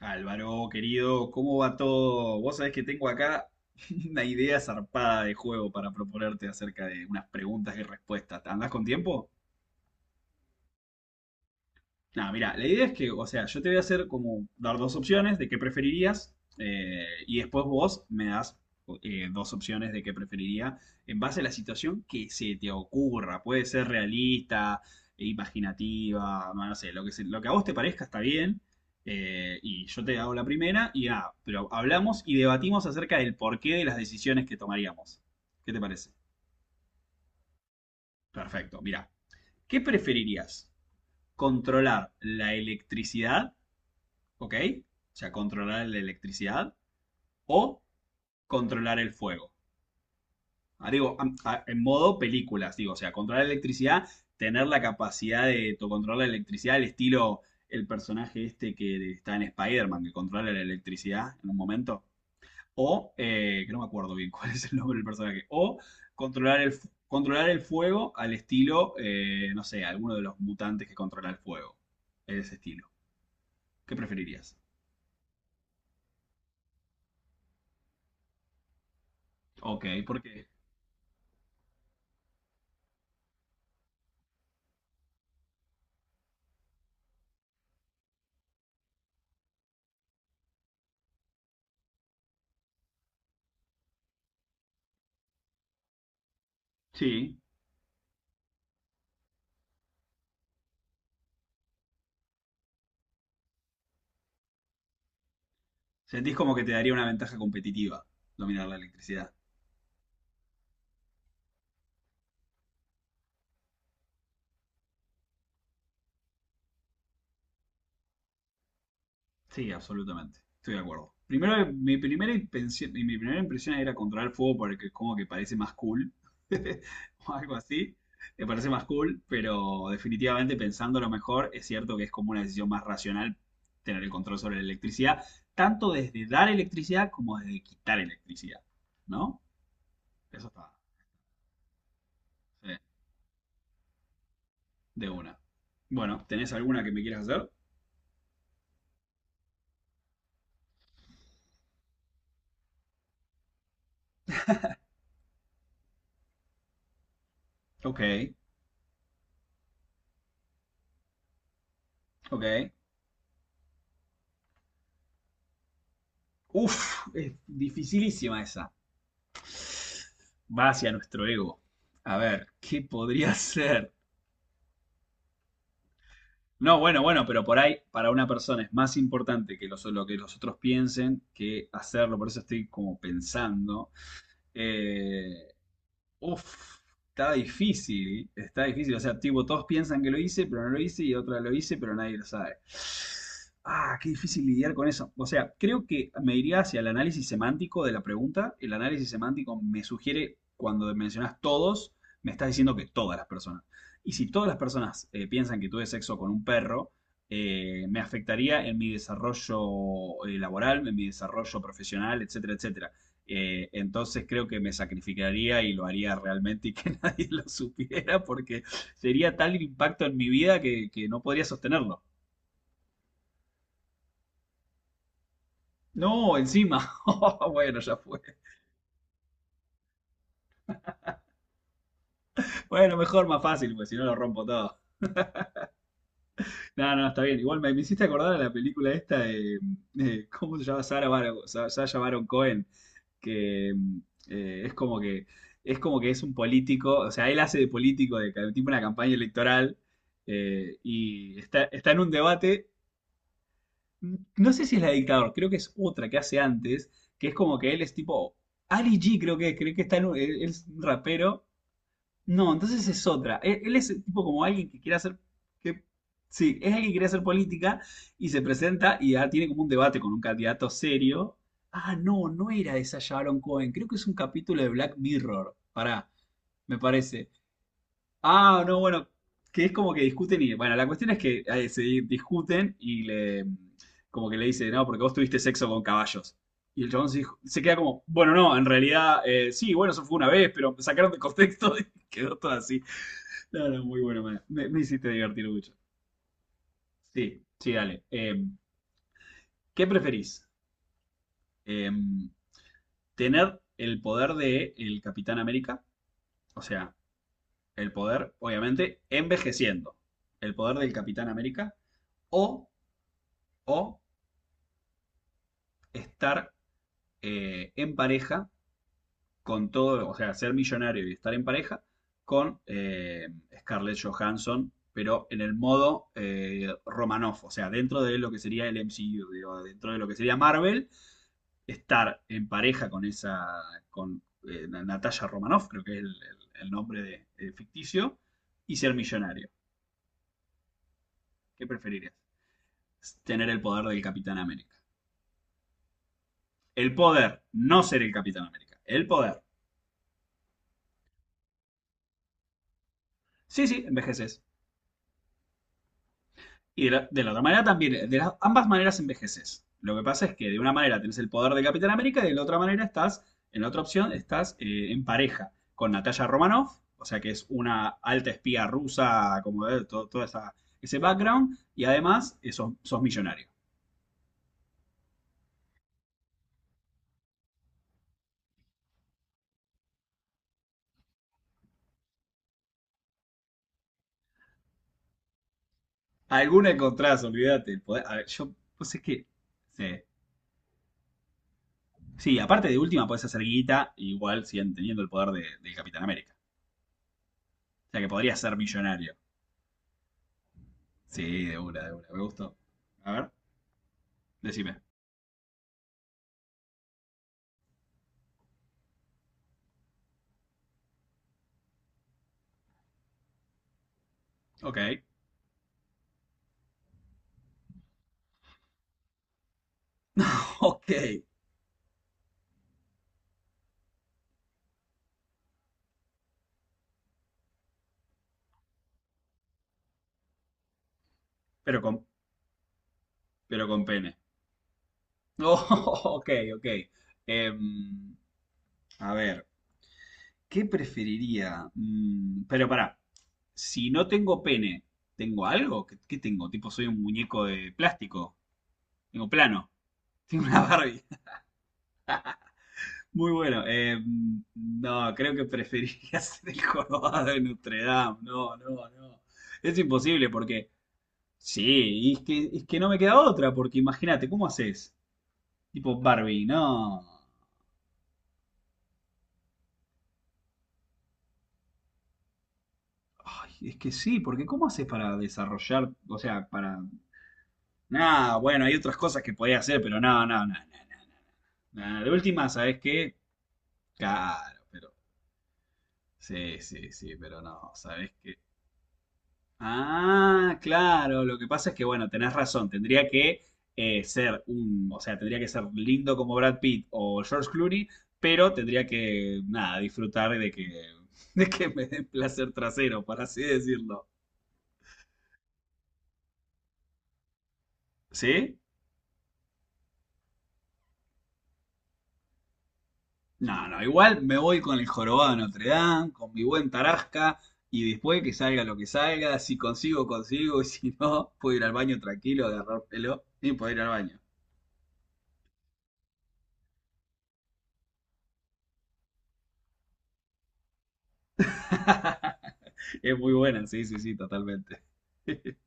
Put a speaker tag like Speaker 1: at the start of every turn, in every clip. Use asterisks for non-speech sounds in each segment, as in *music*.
Speaker 1: Álvaro, querido, ¿cómo va todo? Vos sabés que tengo acá *laughs* una idea zarpada de juego para proponerte acerca de unas preguntas y respuestas. ¿Andás con tiempo? No, mira, la idea es que, o sea, yo te voy a hacer como dar dos opciones de qué preferirías y después vos me das dos opciones de qué preferiría en base a la situación que se te ocurra. Puede ser realista e imaginativa, no, no sé, lo que, lo que a vos te parezca está bien. Y yo te hago la primera y nada, pero hablamos y debatimos acerca del porqué de las decisiones que tomaríamos. ¿Qué te parece? Perfecto, mira, ¿qué preferirías? ¿Controlar la electricidad? ¿Ok? O sea, controlar la electricidad o controlar el fuego. Ah, digo, en modo películas, digo, o sea, controlar la electricidad, tener la capacidad de controlar la electricidad, el estilo, el personaje este que está en Spider-Man, que controla la electricidad en un momento. O, que no me acuerdo bien cuál es el nombre del personaje. O controlar el, controlar el fuego al estilo, no sé, alguno de los mutantes que controla el fuego. Ese estilo. ¿Qué preferirías? Ok, ¿por qué? Sí. Sentís como que te daría una ventaja competitiva dominar la electricidad. Sí, absolutamente. Estoy de acuerdo. Primero, mi primera impresión era controlar el fuego porque como que parece más cool. *laughs* O algo así. Me parece más cool, pero definitivamente pensándolo mejor, es cierto que es como una decisión más racional tener el control sobre la electricidad, tanto desde dar electricidad como desde quitar electricidad. ¿No? Eso está, sí, de una. Bueno, ¿tenés alguna que me quieras hacer? Ok, ok. Uf, es dificilísima esa. Va hacia nuestro ego. A ver, ¿qué podría *laughs* ser? No, bueno, bueno, pero por ahí para una persona es más importante lo que los otros piensen que hacerlo. Por eso estoy como pensando. Eh, Uf, está difícil, está difícil. O sea, tipo, todos piensan que lo hice, pero no lo hice, y otra lo hice, pero nadie lo sabe. Ah, qué difícil lidiar con eso. O sea, creo que me iría hacia el análisis semántico de la pregunta. El análisis semántico me sugiere, cuando mencionas todos, me estás diciendo que todas las personas. Y si todas las personas piensan que tuve sexo con un perro, me afectaría en mi desarrollo laboral, en mi desarrollo profesional, etcétera, etcétera. Entonces creo que me sacrificaría y lo haría realmente y que *laughs* nadie lo supiera porque sería tal el impacto en mi vida que no podría sostenerlo. No, encima. *laughs* Oh, bueno, ya fue. Bueno, mejor, más fácil, pues si no lo rompo todo. No, no, está bien. Igual me, me hiciste acordar de la película esta de, ¿cómo se llama? Sacha Baron Cohen, que eh, es como que es como que es un político, o sea, él hace de político, tipo una campaña electoral, y está, está en un debate. No sé si es la de dictador, creo que es otra que hace antes, que es como que él es tipo. Ali G, creo que es, creo que está en él es un rapero. No, entonces es otra. Él es tipo como alguien que quiere hacer. Que, sí, es alguien que quiere hacer política y se presenta y ah, tiene como un debate con un candidato serio. Ah, no, no era esa Sharon Cohen, creo que es un capítulo de Black Mirror. Pará, me parece. Ah, no, bueno, que es como que discuten y, bueno, la cuestión es que discuten y le, como que le dice, no, porque vos tuviste sexo con caballos. Y el chabón se queda como, bueno, no, en realidad, sí, bueno, eso fue una vez, pero me sacaron de contexto *laughs* y quedó todo así. No, no, muy bueno, me, me hiciste divertir mucho. Sí, sí, dale. ¿Qué preferís? Eh, ¿Tener el poder de el Capitán América? O sea, el poder, obviamente, envejeciendo. El poder del Capitán América o o estar en pareja con todo, o sea, ser millonario y estar en pareja con Scarlett Johansson, pero en el modo Romanoff, o sea, dentro de lo que sería el MCU, digo, dentro de lo que sería Marvel, estar en pareja con esa, con Natasha Romanoff, creo que es el, el nombre de ficticio, y ser millonario. ¿Qué preferirías? Tener el poder del Capitán América. El poder, no ser el Capitán América. El poder. Sí, sí, envejeces. Y de la otra manera también, de las, ambas maneras envejeces. Lo que pasa es que de una manera tenés el poder de Capitán América y de la otra manera estás, en la otra opción, estás en pareja con Natalia Romanoff, o sea que es una alta espía rusa, como de todo, todo esa, ese background, y además sos, sos millonario. Alguna encontrás, olvídate. El poder, a ver, yo, pues es que. Sí. Sí, aparte de última, podés hacer guita igual siguen teniendo el poder de, del Capitán América. O sea que podrías ser millonario. Sí, de una, de una. Me gustó. A ver, decime. Ok, *laughs* ok, pero con, pero con pene. No, *laughs* ok, ok. Em, a ver, ¿qué preferiría? Mm, pero pará, si no tengo pene, ¿tengo algo? ¿Qué, qué tengo? Tipo, soy un muñeco de plástico, tengo plano, *laughs* tengo una Barbie. *laughs* Muy bueno, em, no, creo que preferiría *laughs* ser el jorobado de Notre Dame. No, no, no. Es imposible porque, sí, y es que no me queda otra, porque imagínate, ¿cómo haces? Tipo Barbie, no. Ay, es que sí, porque ¿cómo haces para desarrollar? O sea, para. Nah, bueno, hay otras cosas que podía hacer, pero no, no, no, no, no. Nah, de última, ¿sabes qué? Claro, pero. Sí, sí, sí, pero no, ¿sabes qué? Ah, claro, lo que pasa es que, bueno, tenés razón, tendría que ser un. O sea, tendría que ser lindo como Brad Pitt o George Clooney, pero tendría que, nada, disfrutar de que, *laughs* de que me den placer trasero, por así decirlo. ¿Sí? No, no, igual me voy con el jorobado de Notre Dame, con mi buen Tarasca, y después que salga lo que salga, si consigo, consigo, y si no, puedo ir al baño tranquilo, agarrar pelo y puedo ir al baño. *laughs* Es muy buena, sí, sí, sí, totalmente. *laughs*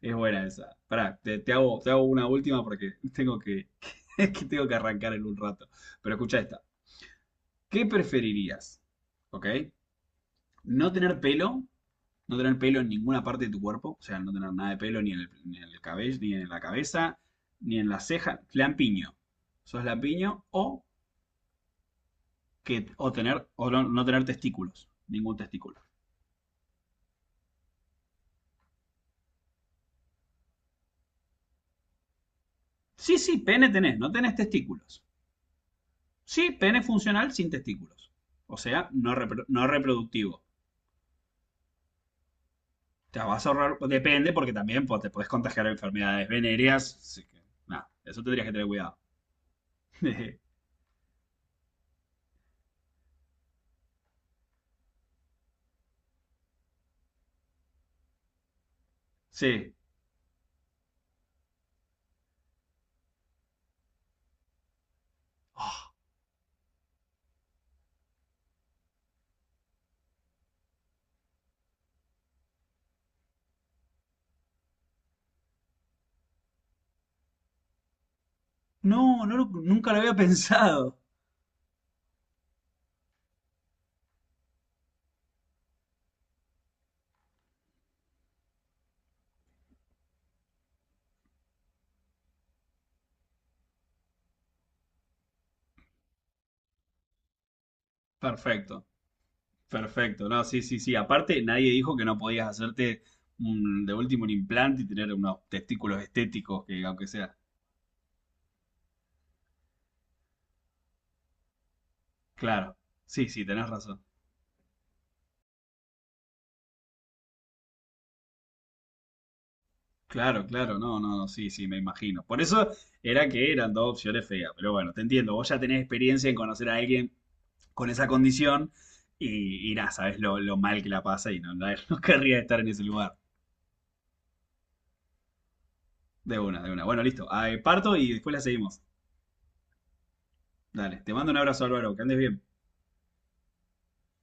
Speaker 1: Es buena esa. Pará, te, te hago una última porque tengo que, *laughs* que tengo que arrancar en un rato. Pero escucha esta. ¿Qué preferirías? ¿Ok? ¿No tener pelo no tener pelo en ninguna parte de tu cuerpo, o sea, no tener nada de pelo ni en el, ni en el cabello, ni en la cabeza, ni en la ceja, lampiño. Sos lampiño o que o tener o no, no tener testículos, ningún testículo. Sí, sí, pene tenés, no tenés testículos. Sí, pene funcional sin testículos. O sea, no, no reproductivo. Te vas a ahorrar, depende, porque también pues, te podés contagiar enfermedades venéreas. Así que, nada, eso tendrías que tener cuidado. *laughs* Sí. Oh, no, no nunca lo había *laughs* pensado. Perfecto, perfecto. No, sí, sí, sí. Aparte, nadie dijo que no podías hacerte de último un implante y tener unos testículos estéticos, que aunque sea. Claro, sí, sí, tenés razón. Claro, claro, no, no, no, sí, sí, me imagino. Por eso era que eran dos opciones feas, pero bueno, te entiendo. Vos ya tenés experiencia en conocer a alguien con esa condición y nada, sabés lo mal que la pasa y no, no, *laughs* no querría estar en ese lugar. De una, de una. Bueno, listo. Ah, parto y después la seguimos. Dale, te mando un abrazo, Álvaro, que andes bien.